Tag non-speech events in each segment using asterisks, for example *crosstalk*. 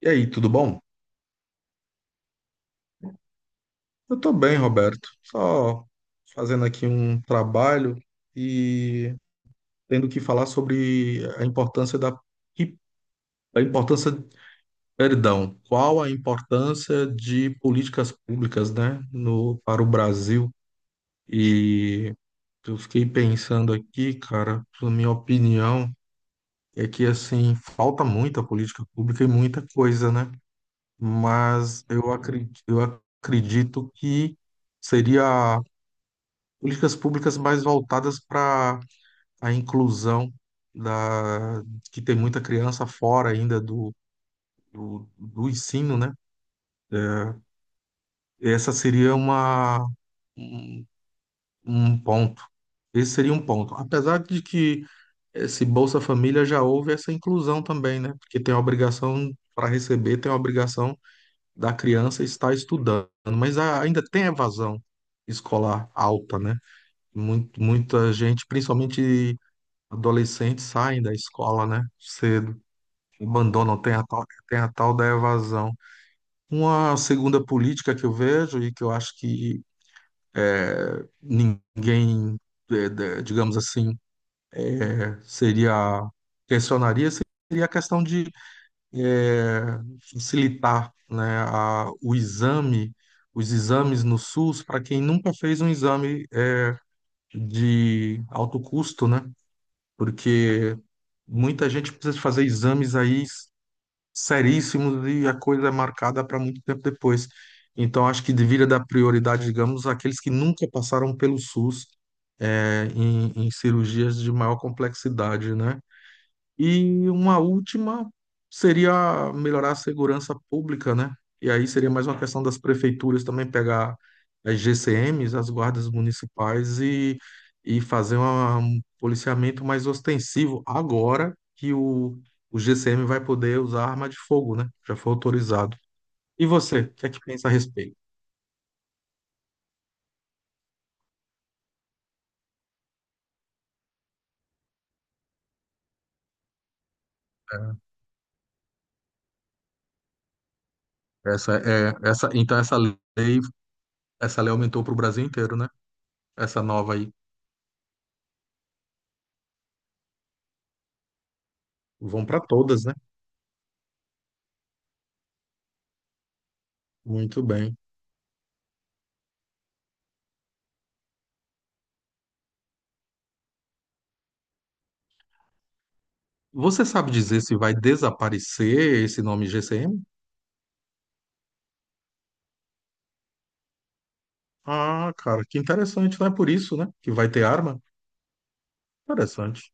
E aí, tudo bom? Eu tô bem, Roberto. Só fazendo aqui um trabalho e tendo que falar sobre a importância da a importância, perdão, qual a importância de políticas públicas, né, no para o Brasil. E eu fiquei pensando aqui, cara, na minha opinião é que assim, falta muita política pública e muita coisa, né? Mas eu acredito que seria políticas públicas mais voltadas para a inclusão da que tem muita criança fora ainda do ensino, né? É, essa seria um, um ponto. Esse seria um ponto. Apesar de que esse Bolsa Família já houve essa inclusão também, né? Porque tem a obrigação para receber, tem a obrigação da criança estar estudando, mas ainda tem evasão escolar alta, né? Muita gente, principalmente adolescentes saem da escola, né? Cedo, abandonam, tem a tal da evasão. Uma segunda política que eu vejo e que eu acho que ninguém, digamos assim, é, seria, questionaria, seria a questão de eh, facilitar, né, os exames no SUS para quem nunca fez um exame de alto custo, né? Porque muita gente precisa fazer exames aí seríssimos e a coisa é marcada para muito tempo depois. Então, acho que deveria dar prioridade, digamos, àqueles que nunca passaram pelo SUS, em cirurgias de maior complexidade, né? E uma última seria melhorar a segurança pública, né? E aí seria mais uma questão das prefeituras também pegar as GCMs, as guardas municipais e fazer um policiamento mais ostensivo agora que o GCM vai poder usar arma de fogo, né? Já foi autorizado. E você, o que é que pensa a respeito? É. Então, essa lei aumentou para o Brasil inteiro, né? Essa nova aí. Vão para todas, né? Muito bem. Você sabe dizer se vai desaparecer esse nome GCM? Ah, cara, que interessante, não é por isso, né? Que vai ter arma? Interessante.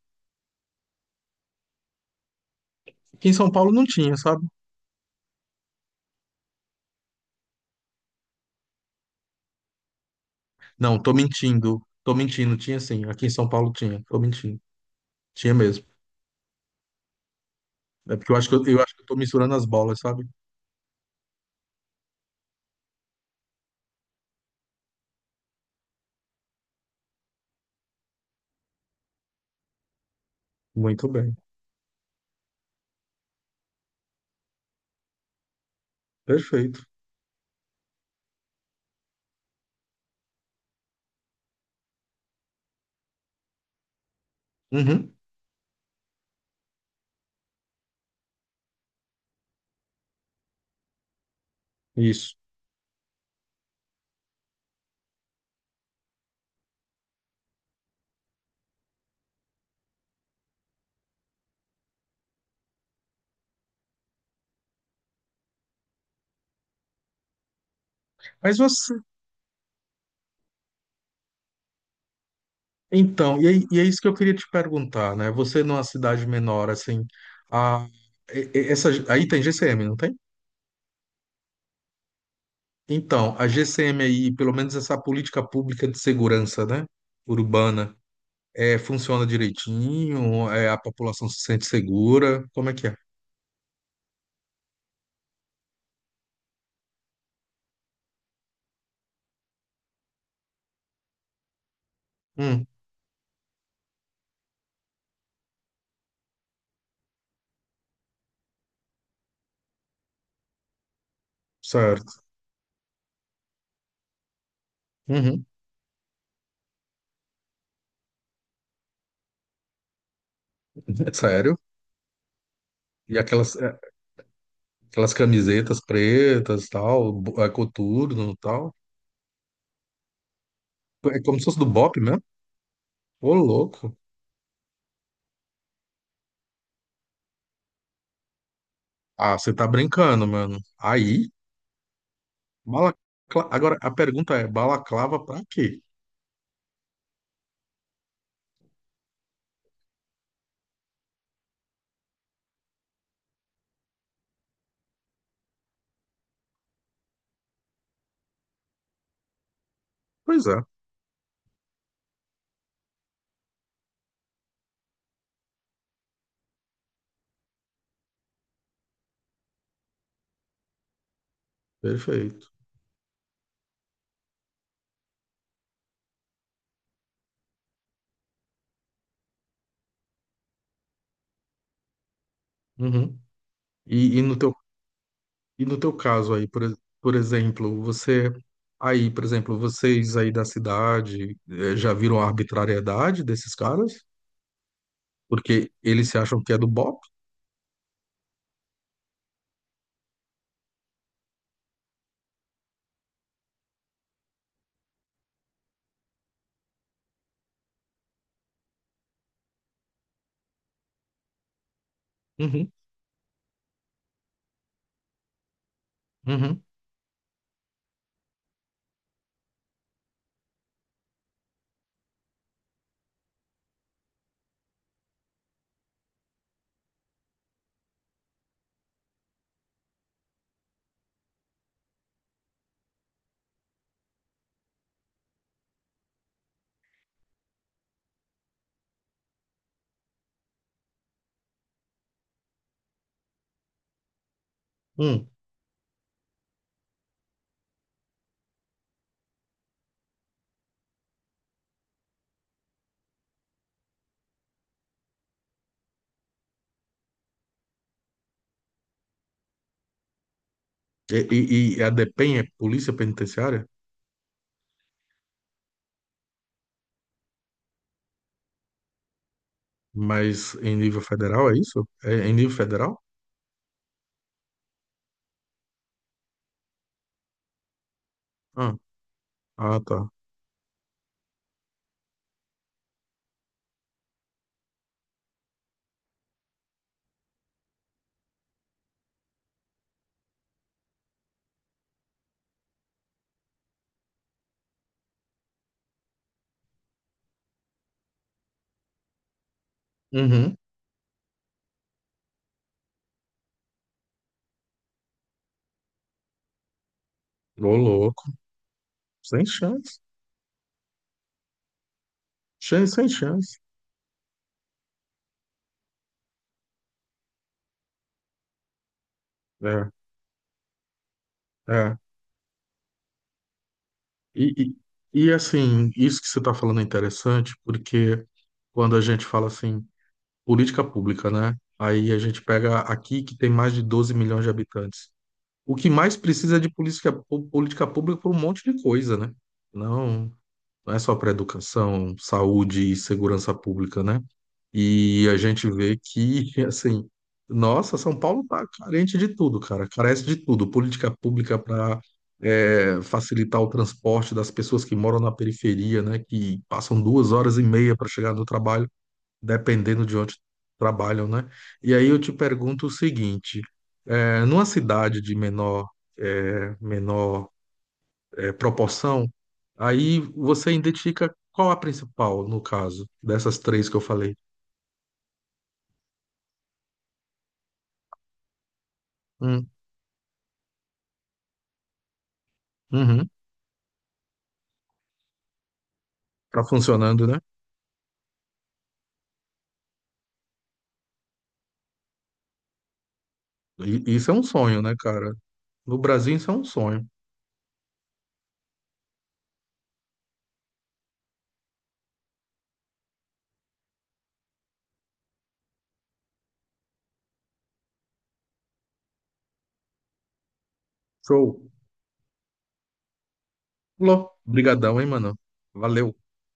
Aqui em São Paulo não tinha, sabe? Não, tô mentindo. Tô mentindo, tinha sim. Aqui em São Paulo tinha. Tô mentindo. Tinha mesmo. É porque eu acho que eu acho que eu tô misturando as bolas, sabe? Muito bem. Perfeito. Uhum, isso. Mas você, então, e é isso que eu queria te perguntar, né? Você numa cidade menor, assim, a, e- essa, aí tem GCM, não tem? Então, a GCM aí, pelo menos essa política pública de segurança, né, urbana, funciona direitinho? É, a população se sente segura? Como é que é? Hum, certo. Uhum. *laughs* Sério? E aquelas camisetas pretas, tal, coturno, tal? É como se fosse do Bop mesmo? Ô, louco. Ah, você tá brincando, mano. Aí. balacla... Agora, a pergunta é, balaclava pra quê? Pois é, perfeito. Uhum. E, e no teu E no teu caso aí, por exemplo, por exemplo, vocês aí da cidade já viram a arbitrariedade desses caras? Porque eles se acham que é do BOP? Uhum, uhum, hum. E a DEPEN é Polícia Penitenciária? Mas em nível federal é isso? É em nível federal? Ah, ah, tá. Uhum. Ô, louco. Sem chance. Sem chance. É, é. E, e, assim, isso que você está falando é interessante, porque quando a gente fala assim, política pública, né? Aí a gente pega aqui que tem mais de 12 milhões de habitantes. O que mais precisa é de política pública para um monte de coisa, né? Não. Não é só para educação, saúde e segurança pública, né? E a gente vê que, *laughs* assim, nossa, São Paulo está carente de tudo, cara, carece de tudo. Política pública para facilitar o transporte das pessoas que moram na periferia, né? Que passam 2 horas e meia para chegar no trabalho, dependendo de onde trabalham, né? E aí eu te pergunto o seguinte: numa cidade de menor, eh, menor proporção, aí você identifica qual a principal, no caso, dessas três que eu falei. Hum, uhum. Tá funcionando, né? Isso é um sonho, né, cara? No Brasil, isso é um sonho. Show. Lô, brigadão, hein, mano? Valeu.